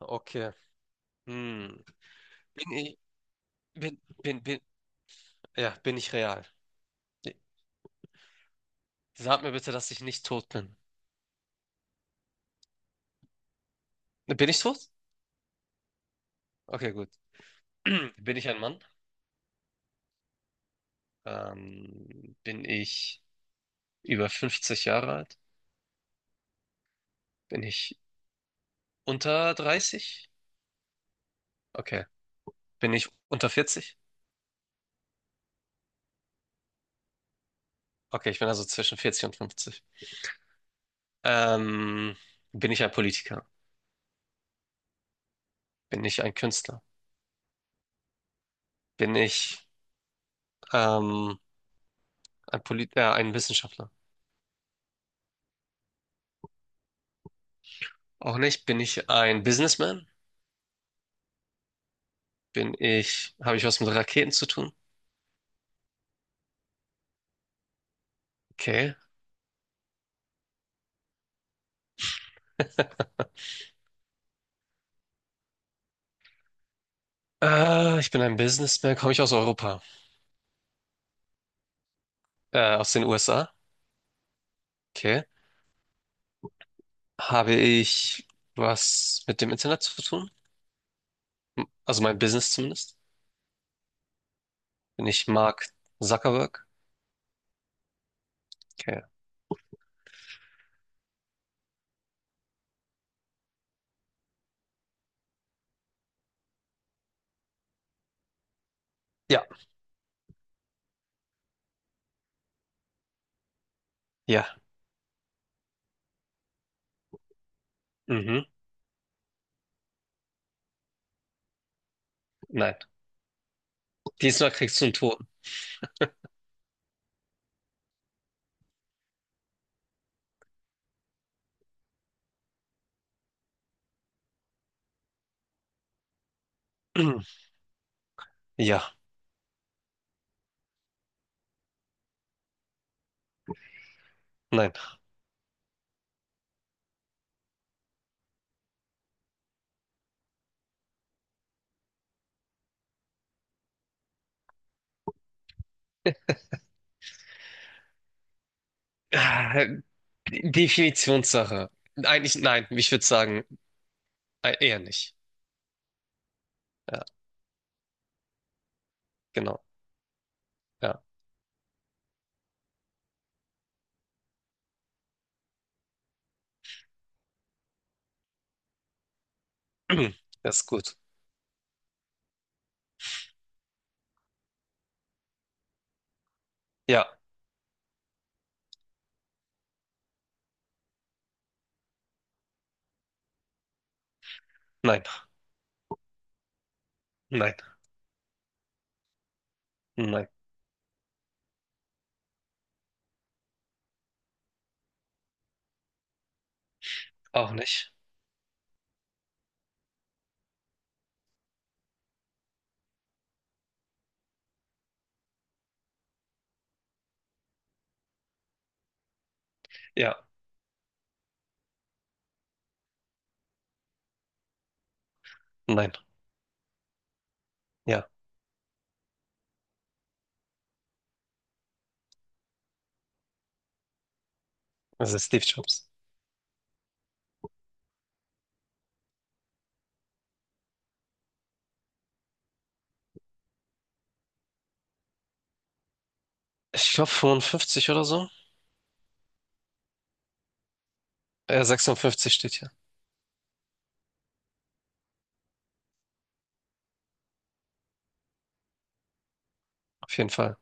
Okay. Hm. Bin ich, bin, bin, bin, ja, Bin ich real? Sag mir bitte, dass ich nicht tot bin. Bin ich tot? Okay, gut. Bin ich ein Mann? Bin ich über 50 Jahre alt? Bin ich unter 30? Okay. Bin ich unter 40? Okay, ich bin also zwischen 40 und 50. Ähm, Bin ich ein Politiker? Bin ich ein Künstler? Bin ich ähm, ein Wissenschaftler? Auch nicht. Bin ich ein Businessman? Habe ich was mit Raketen zu tun? Okay. Ich bin ein Businessman, komme ich aus Europa, aus den USA. Okay. Habe ich was mit dem Internet zu tun? M- Also mein Business zumindest. Bin ich Mark Zuckerberg? Okay. Ja. Ja. Mhm. Nein. Diesmal kriegst du einen Toten. Ja. Nein. Äh, Definitionssache. Eigentlich nein. Ich würde sagen, eher nicht. Ja, genau. Ja. Das ist gut. Ja. Nein. Nein. Nein, auch nicht. Ja, nein. Ja, also Steve Jobs. Ich glaube 55 oder so. 56 steht hier. Auf jeden Fall.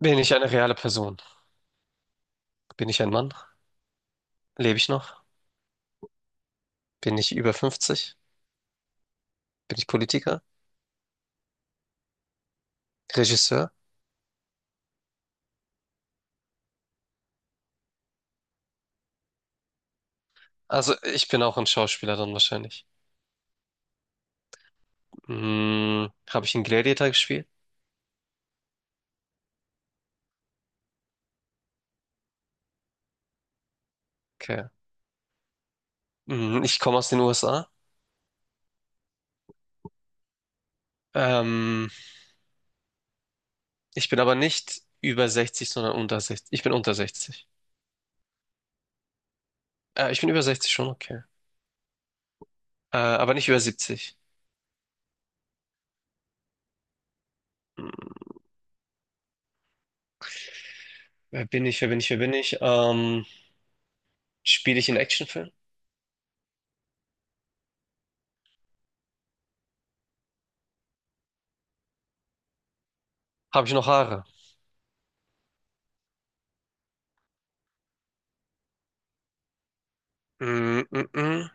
Bin ich eine reale Person? Bin ich ein Mann? Lebe ich noch? Bin ich über 50? Bin ich Politiker? Regisseur? Also ich bin auch ein Schauspieler dann wahrscheinlich. Hm, habe ich einen Gladiator gespielt? Okay. Hm, ich komme aus den USA. Ähm, Ich bin aber nicht über 60, sondern unter 60. Ich bin unter 60. Ich bin über 60 schon, okay. Aber nicht über 70. Wer bin ich, wer bin ich, wer bin ich? Spiele ich in Actionfilmen? Habe ich noch Haare? Mm, mm, mm.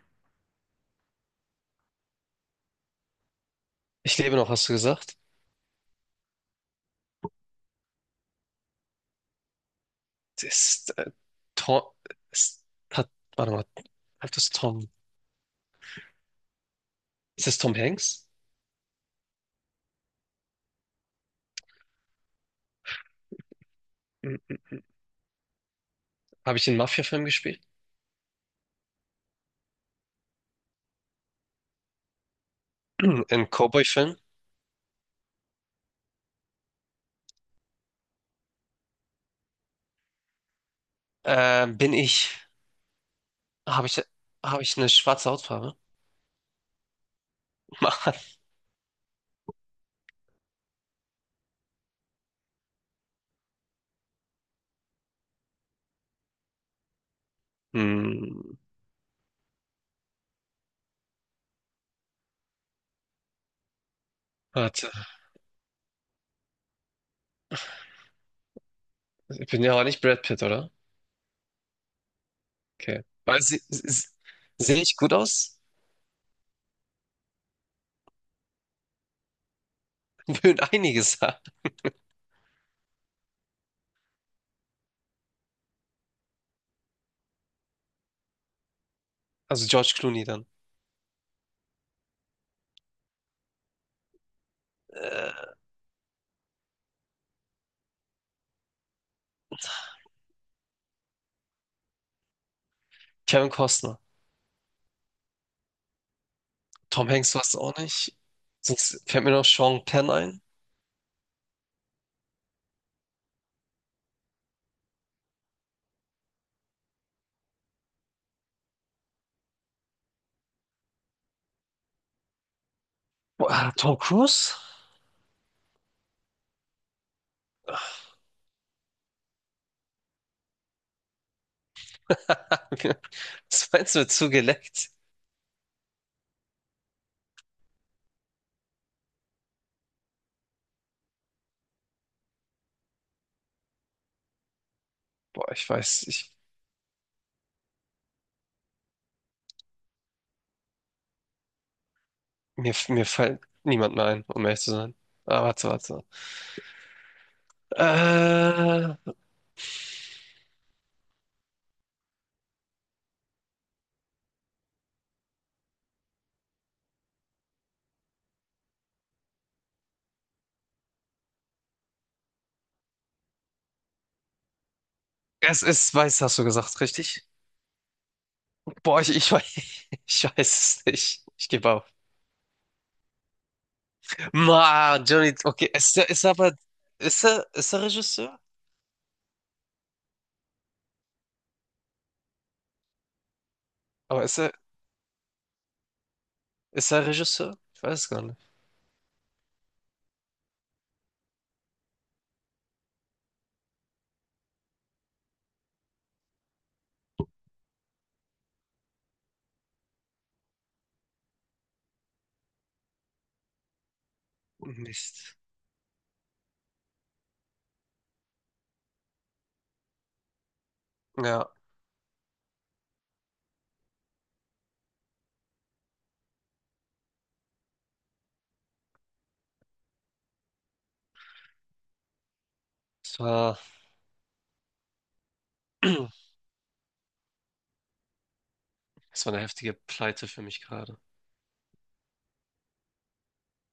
Ich lebe noch, hast du gesagt? Ist, Tom, ist, hat, warte mal, hat das Tom, Ist das Tom Hanks? Mm. Habe ich in Mafia-Film gespielt? In Cowboy-Film? Bin ich, habe ich, Habe ich eine schwarze Hautfarbe? Mann. Hm, warte, ich bin ja auch nicht Brad Pitt, oder? Okay. Sehe ich gut aus? Würden einige sagen. Also George Clooney dann. Kevin Costner. Tom Hanks war es auch nicht. Sonst fällt mir noch Sean Penn ein. Boah, ah, Tom Cruise? Was meinst du mit zugeleckt? Boah, ich weiß, ich, mir, Mir fällt niemand mehr ein, um ehrlich zu sein. Ah, warte, warte. Äh, Es ist weiß, hast du gesagt, richtig? Boah, ich, weiß, Ich weiß es nicht. Ich gebe auf. Johnny, okay, ist er aber, ist er Regisseur? Aber ist er Regisseur? Ich weiß es gar nicht. Mist. Ja, es war. Das war eine heftige Pleite für mich gerade.